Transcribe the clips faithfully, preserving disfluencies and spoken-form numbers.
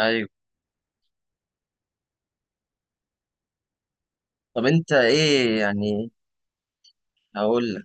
ايوه. طب انت ايه يعني؟ هقول لك.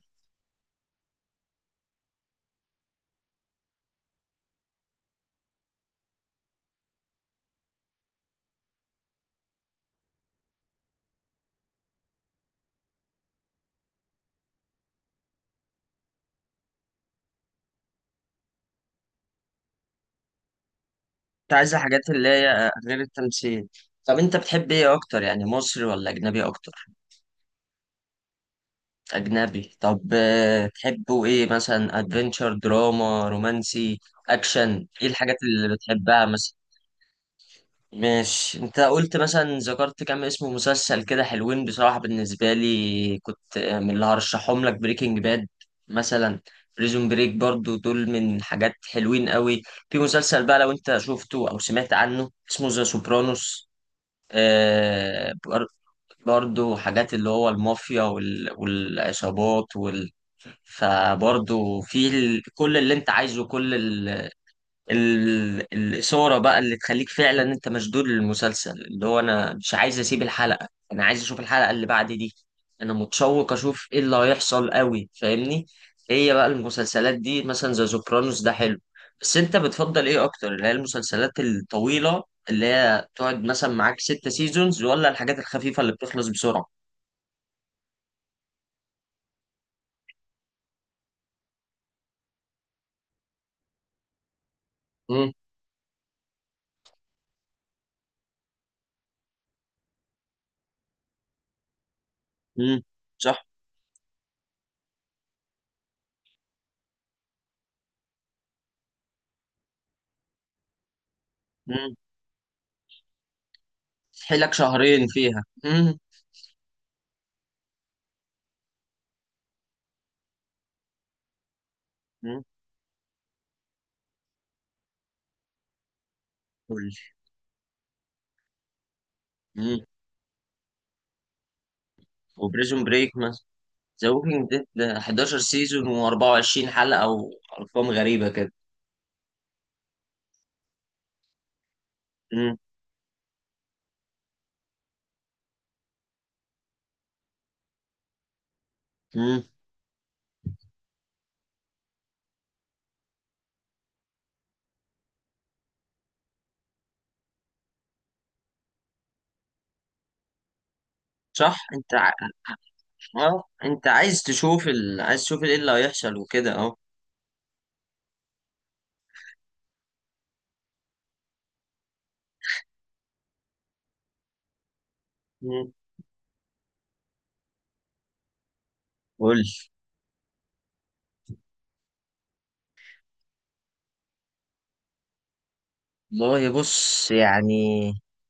انت عايز الحاجات اللي هي غير التمثيل؟ طب انت بتحب ايه اكتر، يعني مصري ولا اجنبي اكتر؟ اجنبي. طب آه، تحبه ايه مثلا، ادفنتشر دراما رومانسي اكشن؟ ايه الحاجات اللي بتحبها مثلا؟ ماشي. انت قلت مثلا، ذكرت كام اسم مسلسل كده حلوين بصراحة. بالنسبة لي كنت من اللي هرشحهم لك بريكنج باد مثلا، بريزون بريك برضو، دول من حاجات حلوين قوي. في مسلسل بقى لو انت شفته او سمعت عنه اسمه ذا سوبرانوس. آه بر- برضو حاجات اللي هو المافيا وال- والعصابات وال... فبرضو في ال... كل اللي انت عايزه، كل ال- الإثارة بقى اللي تخليك فعلا انت مشدود للمسلسل، اللي هو انا مش عايز اسيب الحلقة، انا عايز اشوف الحلقة اللي بعد دي. انا متشوق اشوف ايه اللي هيحصل قوي، فاهمني؟ هي بقى المسلسلات دي مثلا زي سوبرانوس ده حلو. بس انت بتفضل ايه اكتر، اللي هي المسلسلات الطويلة اللي هي تقعد مثلا معاك ست سيزونز، ولا الحاجات الخفيفة اللي بتخلص بسرعة؟ مم. امم صح. امم تحيلك شهرين فيها. امم امم قول لي. امم وبريزون بريك، ذا ووكينج ديد حداشر سيزون و24 حلقة او ارقام غريبة كده. امم امم صح. انت ع... اه، انت عايز تشوف ال... عايز تشوف ايه اللي هيحصل وكده اهو. مم. قول. والله بص يعني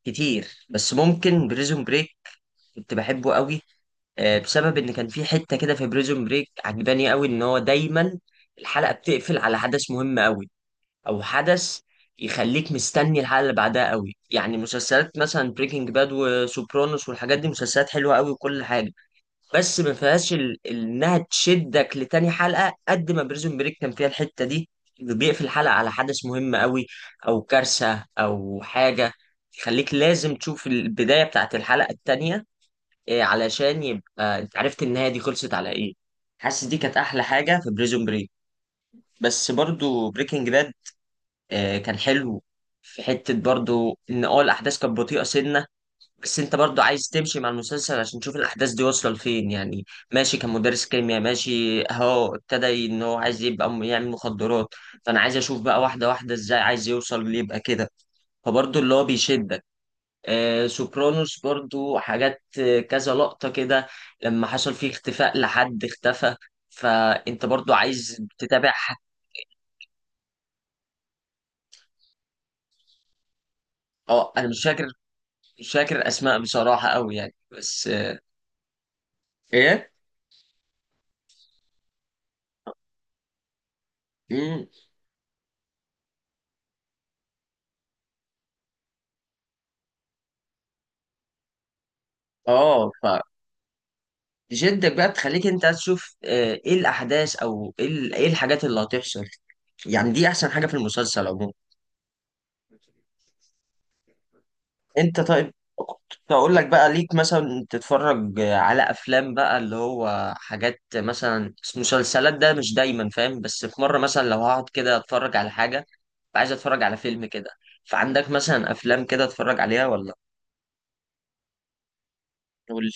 كتير، بس ممكن بريزون بريك كنت بحبه قوي، آه، بسبب ان كان في حتة كده في بريزون بريك عجباني قوي ان هو دايما الحلقة بتقفل على حدث مهم قوي، او حدث يخليك مستني الحلقه اللي بعدها قوي. يعني مسلسلات مثلا بريكنج باد وسوبرانوس والحاجات دي مسلسلات حلوه قوي وكل حاجه، بس ما فيهاش ال- ال- انها تشدك لتاني حلقه قد ما بريزون بريك كان فيها الحته دي، اللي بيقفل الحلقه على حدث مهم قوي او كارثه او حاجه، يخليك لازم تشوف البدايه بتاعت الحلقه التانيه، إيه، علشان يبقى انت عرفت النهايه دي خلصت على ايه. حاسس دي كانت احلى حاجه في بريزون بريك. بس برضو بريكنج باد آه، كان حلو. في حتة برضو إن اه الأحداث كانت بطيئة سنة، بس أنت برضو عايز تمشي مع المسلسل عشان تشوف الأحداث دي واصلة لفين يعني. ماشي، كان مدرس كيمياء ماشي أهو، ابتدى إن هو عايز يبقى م- يعمل مخدرات. فأنا عايز أشوف بقى واحدة واحدة إزاي عايز يوصل ليبقى كده. فبرضو اللي هو بيشدك. آه سوبرانوس برضو حاجات، آه، كذا لقطة كده لما حصل فيه اختفاء لحد اختفى، فأنت برضو عايز تتابع ح- اه انا مش فاكر. مش فاكر اسماء بصراحه قوي يعني، بس آه، ايه. مم. اه. فجدك بقى تخليك انت تشوف، آه، ايه الاحداث او ايه ال- إيه الحاجات اللي هتحصل. يعني دي احسن حاجه في المسلسل عموما. انت طيب كنت اقول لك بقى، ليك مثلا تتفرج على افلام بقى اللي هو حاجات مثلا، مسلسلات ده مش دايما فاهم، بس في مره مثلا لو هقعد كده اتفرج على حاجه، عايز اتفرج على فيلم كده، فعندك مثلا افلام كده اتفرج عليها ولا؟ قول لي.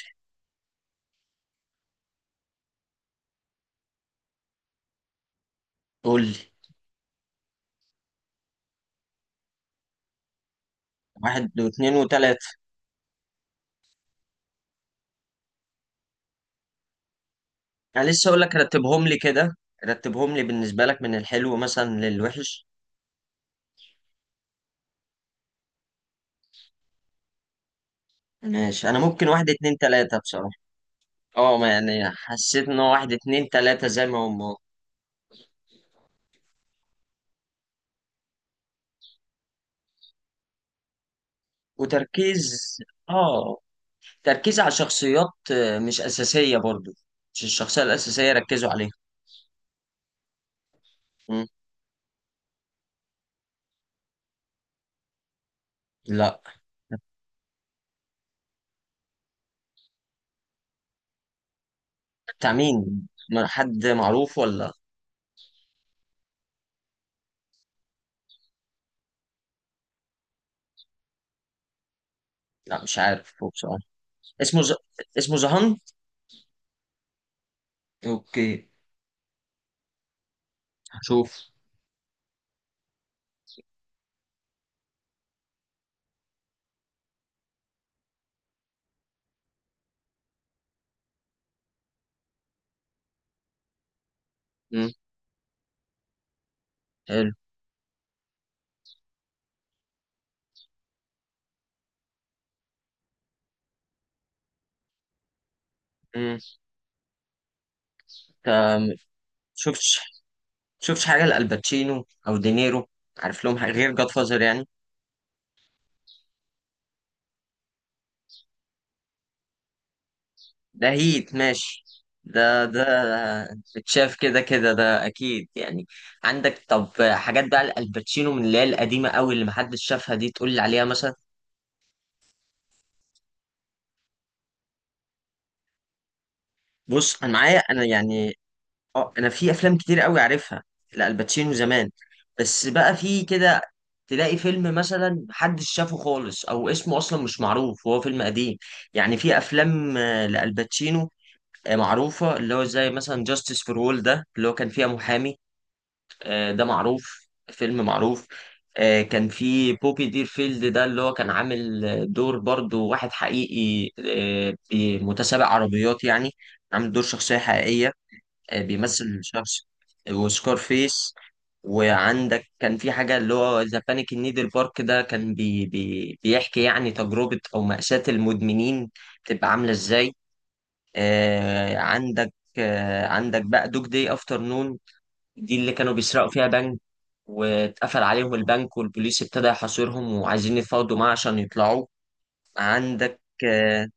قول لي. واحد واثنين وثلاثه. انا لسه اقول لك، رتبهم لي كده، رتبهم لي بالنسبه لك من الحلو مثلا للوحش. ماشي. انا ممكن واحد اتنين تلاته بصراحه. اه، ما يعني حسيت ان هو واحد اتنين تلاته زي ما هم. وتركيز. اه، تركيز على شخصيات، آه، مش اساسيه برضو، مش الشخصيه الاساسيه ركزوا عليها. مم. لا. بتاع مين، ما- حد معروف ولا؟ لا مش عارف هو بصراحه. اسمه ز... اسمه زهان. اوكي. هشوف. مم. حلو. مم. انت شفت شفتش حاجة لألباتشينو أو دينيرو؟ عارف لهم حاجة غير جاد فازر يعني؟ ده هيت ماشي، ده ده بتشاف كده كده، ده أكيد يعني. عندك طب حاجات بقى لألباتشينو من اللي هي القديمة أوي اللي محدش شافها دي تقول لي عليها مثلا؟ بص أنا معايا، أنا يعني، أه أنا في أفلام كتير أوي عارفها لألباتشينو زمان. بس بقى في كده، تلاقي فيلم مثلا محدش شافه خالص أو اسمه أصلا مش معروف وهو فيلم قديم. يعني في أفلام آه، لألباتشينو، آه، معروفة، اللي هو زي مثلا جاستس فور وول، ده اللي هو كان فيها محامي، آه، ده معروف، فيلم معروف. آه، كان في بوبي ديرفيلد، ده اللي هو كان عامل آه، دور برضو واحد حقيقي، آه، بي- متسابق عربيات يعني، عامل دور شخصية حقيقية. آه، بيمثل شخص. وسكار فيس. وعندك كان في حاجة اللي هو ذا بانيك نيدل بارك، ده كان بي بي بيحكي يعني تجربة أو مأساة المدمنين بتبقى عاملة إزاي. آه، عندك آه، عندك بقى دوج داي افتر نون، دي اللي كانوا بيسرقوا فيها بنك، واتقفل عليهم البنك والبوليس ابتدى يحاصرهم وعايزين يتفاوضوا معاه عشان يطلعوا. عندك آه،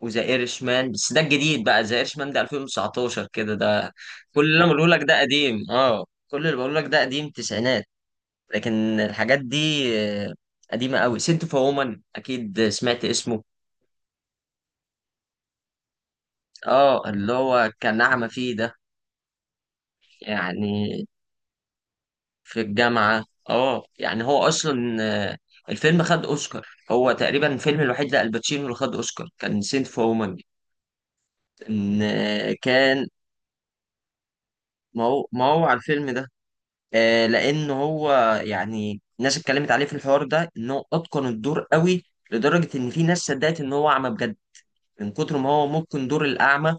وذا ايرشمان، بس ده الجديد بقى، ذا ايرشمان ده الفين وتسعتاشر كده ده. كل اللي انا بقوله لك ده قديم. اه، كل اللي بقوله لك ده قديم، تسعينات. لكن الحاجات دي آه، قديمة قوي. سنت فور وومن، اكيد سمعت اسمه. اه اللي هو كان نعمة فيه ده. يعني في الجامعة. اه يعني هو أصلا آه، الفيلم خد أوسكار، هو تقريبا الفيلم الوحيد لألباتشينو اللي خد أوسكار كان سنت فور وومن. إن آه، كان. ما هو ما هو على الفيلم ده. آه، لأن هو يعني الناس اتكلمت عليه في الحوار ده إن هو أتقن الدور قوي، لدرجة إن في ناس صدقت إن هو أعمى بجد من كتر ما هو ممكن دور الأعمى،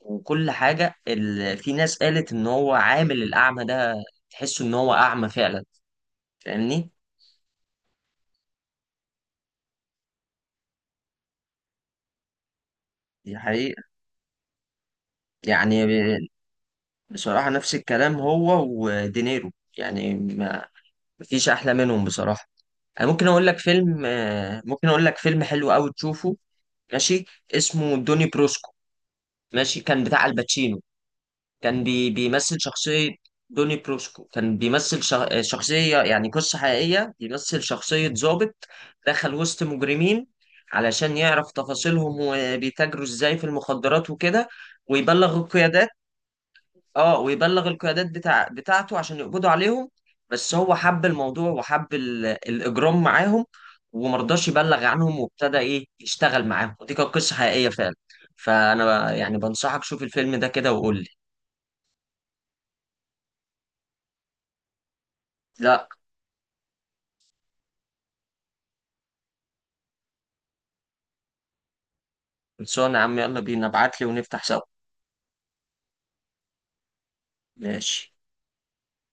وكل حاجة ال... في ناس قالت إن هو عامل الأعمى ده تحسه إن هو أعمى فعلا. فاهمني؟ دي حقيقة. يعني بصراحة نفس الكلام هو ودينيرو. يعني ما، مفيش أحلى منهم بصراحة. أنا ممكن أقول لك فيلم، آه، ممكن أقول لك فيلم حلو أوي تشوفه. ماشي. اسمه دوني بروسكو. ماشي، كان بتاع الباتشينو، كان بي بيمثل شخصية. دوني بروسكو كان بيمثل شخ- آه، شخصية، يعني قصة حقيقية، بيمثل شخصية ضابط دخل وسط مجرمين علشان يعرف تفاصيلهم وبيتاجروا إزاي في المخدرات وكده، ويبلغ القيادات. اه ويبلغ القيادات بتاع بتاعته عشان يقبضوا عليهم. بس هو حب الموضوع وحب ال- الاجرام معاهم، ومرضاش يبلغ عنهم، وابتدى ايه يشتغل معاهم. ودي كانت قصه حقيقيه فعلا. فانا يعني بنصحك شوف الفيلم ده كده وقول لي. لا. خلصانه يا عم، يلا بينا، ابعت لي ونفتح سوا. ماشي.